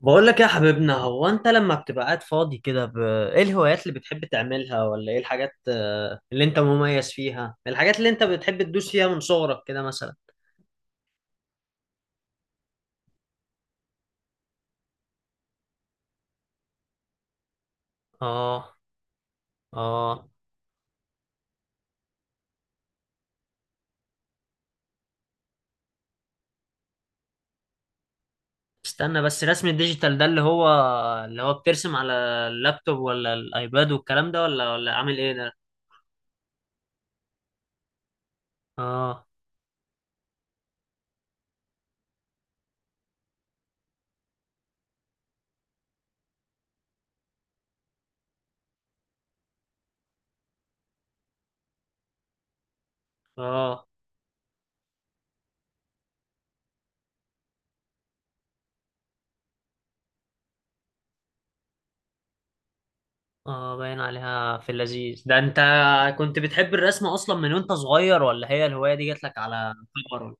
بقول لك يا حبيبنا، هو انت لما بتبقى قاعد فاضي كده ايه الهوايات اللي بتحب تعملها، ولا ايه الحاجات اللي انت مميز فيها، الحاجات اللي انت بتحب تدوس فيها من صغرك كده مثلا؟ اه. اه. استنى بس، رسم الديجيتال ده اللي هو بترسم على اللابتوب ولا الايباد والكلام ده، ولا عامل ايه ده؟ اه. اه. اه، باين عليها في اللذيذ ده. انت كنت بتحب الرسم اصلا من وانت صغير، ولا هي الهواية دي جات لك على كبر؟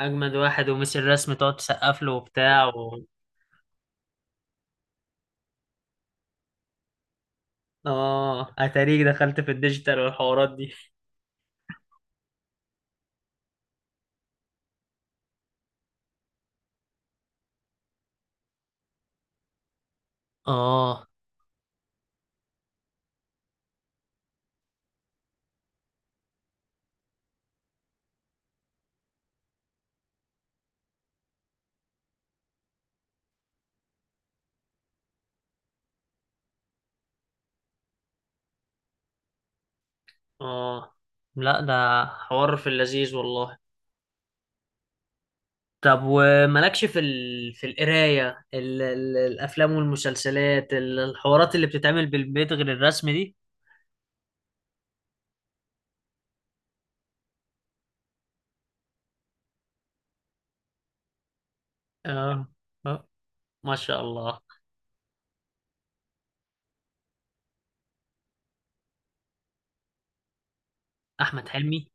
اجمد واحد ومسي الرسم تقعد تسقف له وبتاع اه، اتاريك دخلت في الديجيتال والحوارات دي. اه. اه، لا ده حوار في اللذيذ والله. طب ومالكش في في القرايه، الافلام والمسلسلات، الحوارات اللي بتتعمل بالبيت غير الرسم دي؟ اه. آه. ما شاء الله. احمد حلمي؟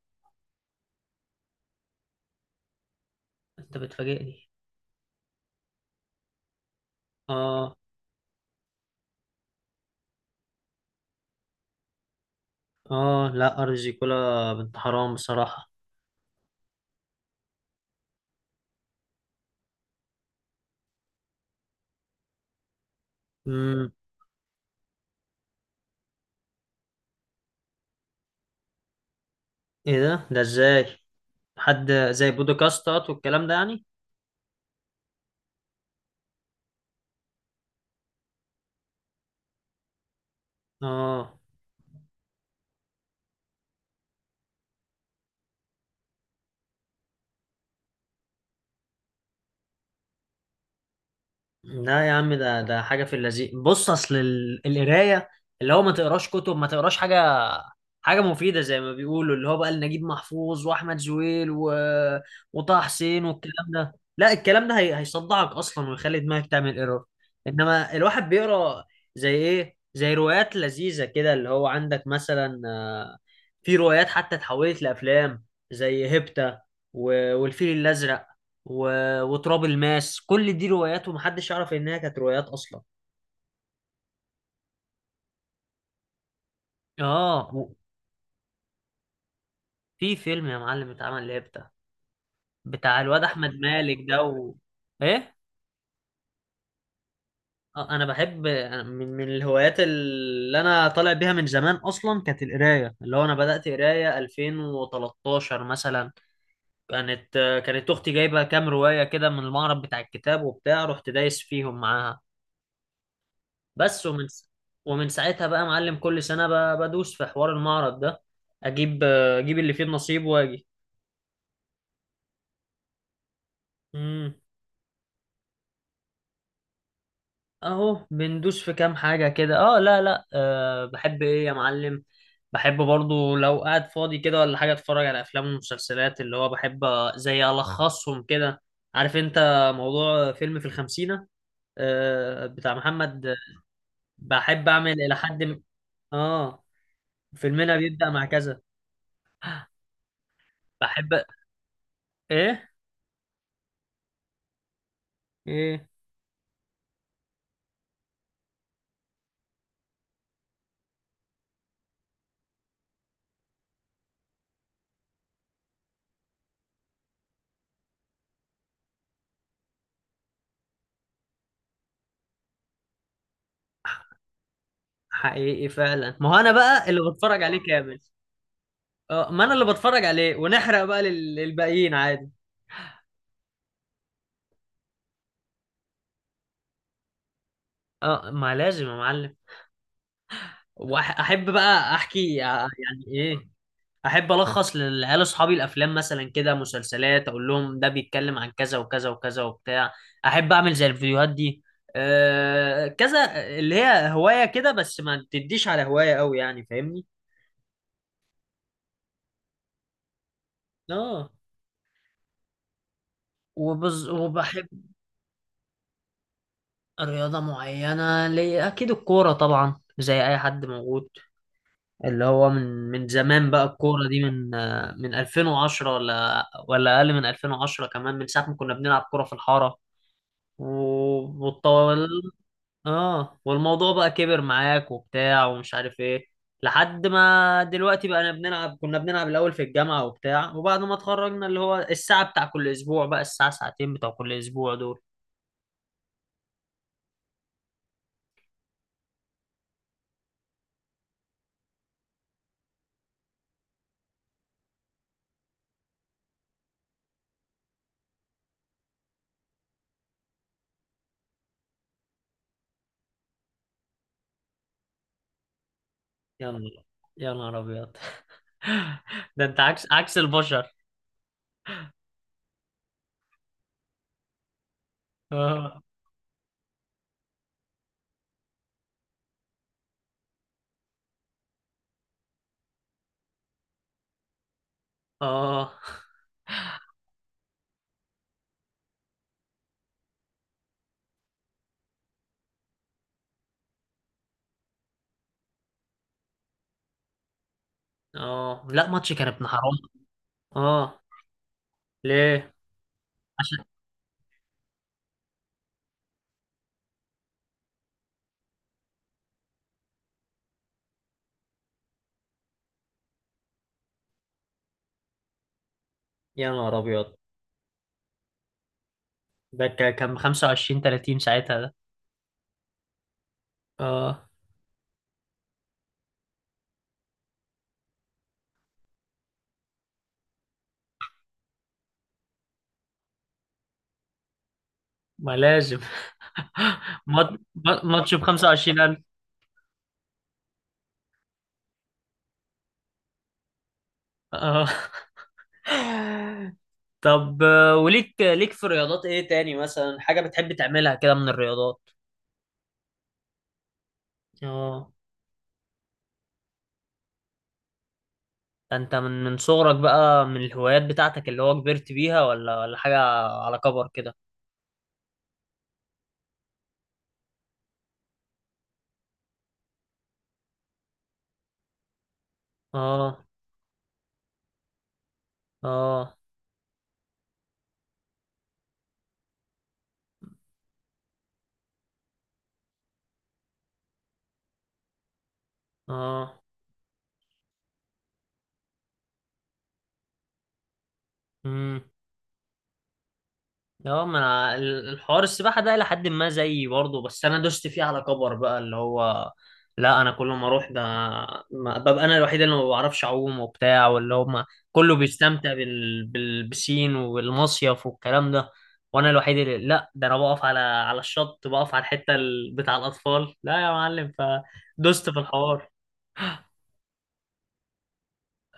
انت بتفاجئني. اه. اه، لا ارض زيكولا بنت حرام بصراحه. امم. ايه ده ازاي؟ حد زي بودكاستات والكلام ده يعني؟ اه. لا يا عم، ده حاجة في اللذيذ. بص، أصل القراية اللي هو ما تقراش كتب، ما تقراش حاجة، حاجة مفيدة زي ما بيقولوا، اللي هو بقى نجيب محفوظ وأحمد زويل وطه حسين والكلام ده، لا، الكلام ده هيصدعك أصلا ويخلي دماغك تعمل ايرور. إنما الواحد بيقرا زي إيه، زي روايات لذيذة كده، اللي هو عندك مثلا في روايات حتى اتحولت لأفلام، زي هيبتا، والفيل الأزرق وتراب الماس. كل دي روايات ومحدش يعرف انها كانت روايات اصلا. اه. في فيلم يا معلم اتعمل ليه بتاع، بتاع الواد احمد مالك ده ايه. انا بحب. أنا من الهوايات اللي انا طالع بيها من زمان اصلا كانت القرايه. اللي هو انا بدات قرايه 2013 مثلا. كانت كانت اختي جايبه كام روايه كده من المعرض بتاع الكتاب وبتاع، رحت دايس فيهم معاها بس. ومن ساعتها بقى معلم كل سنة بدوس في حوار المعرض ده، اجيب اللي فيه النصيب واجي. امم. اهو بندوس في كام حاجة كده. اه، لا لا، بحب ايه يا معلم، بحب برضو لو قاعد فاضي كده ولا حاجة اتفرج على افلام ومسلسلات، اللي هو بحب زي الخصهم كده. عارف انت موضوع فيلم في الخمسينة، بتاع محمد؟ بحب اعمل الى حد اه. فيلمنا بيبدأ مع كذا. بحب. ايه. ايه. حقيقي فعلا، ما هو انا بقى اللي بتفرج عليه كامل. اه، ما انا اللي بتفرج عليه ونحرق بقى للباقيين عادي. اه، ما لازم يا معلم. واحب بقى احكي يعني ايه، احب الخص للعيال اصحابي الافلام، مثلا كده مسلسلات، اقول لهم ده بيتكلم عن كذا وكذا وكذا وبتاع. احب اعمل زي الفيديوهات دي، كذا. اللي هي هواية كده بس، ما تديش على هواية قوي يعني، فاهمني؟ اه. وبحب. رياضة معينة لي؟ أكيد الكورة طبعا، زي أي حد موجود، اللي هو من زمان بقى الكورة دي، من من 2010، ولا أقل من 2010 كمان، من ساعة ما كنا بنلعب كورة في الحارة. والطول، والموضوع بقى كبر معاك وبتاع ومش عارف إيه، لحد ما دلوقتي بقى كنا بنلعب الأول في الجامعة وبتاع، وبعد ما اتخرجنا اللي هو الساعة بتاع كل أسبوع، بقى الساعة ساعتين بتوع كل أسبوع دول. يلا. يا نهار أبيض. ده انت عكس البشر. اه. اه. اه، لا ماتش كان ابن حرام. اه. ليه؟ عشان، يا نهار ابيض، ده كان 25 30 ساعتها ده. اه، ما لازم. ماتش ب 25,000. اه. طب وليك في رياضات ايه تاني مثلا، حاجة بتحب تعملها كده من الرياضات؟ اه. ده انت من صغرك بقى من الهوايات بتاعتك، اللي هو كبرت بيها، ولا حاجة على كبر كده؟ اه. اه. اه. امم. اه، ما أنا الحوار السباحه ده الى حد ما زيي برضه، بس انا دوست فيه على كبر بقى. اللي هو لا، انا كل ما اروح ده ببقى انا الوحيد اللي ما بعرفش اعوم وبتاع، واللي هم كله بيستمتع بالبسين والمصيف والكلام ده، وانا الوحيد اللي لا. ده انا بقف على الشط، بقف على الحته بتاع الاطفال، لا يا معلم. فدوست في الحوار.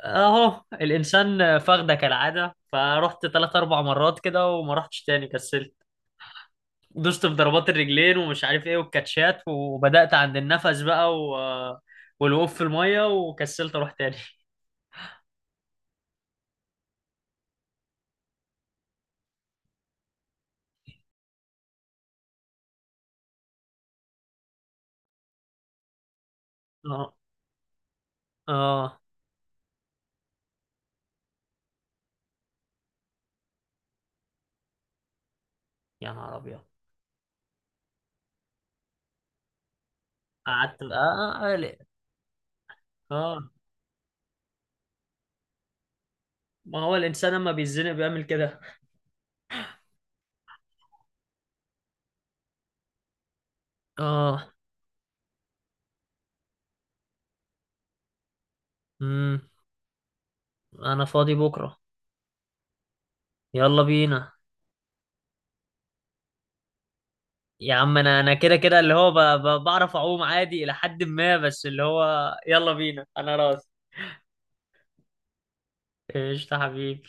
اهو الانسان فخده كالعاده، فرحت 3 4 مرات كده وما رحتش تاني، كسلت. دوست في ضربات الرجلين ومش عارف ايه والكاتشات، وبدأت عند النفس بقى والوقوف في المية، وكسلت اروح تاني. اه. اه. يا نهار ابيض. قعدت بقى. اه، ليه؟ آه. ما هو الانسان لما بيتزنق بيعمل كده. اه. امم. انا فاضي بكرة. يلا بينا. يا عم انا كده كده، اللي هو بعرف اعوم عادي الى حد ما، بس اللي هو يلا بينا، انا راضي. قشطة حبيبي.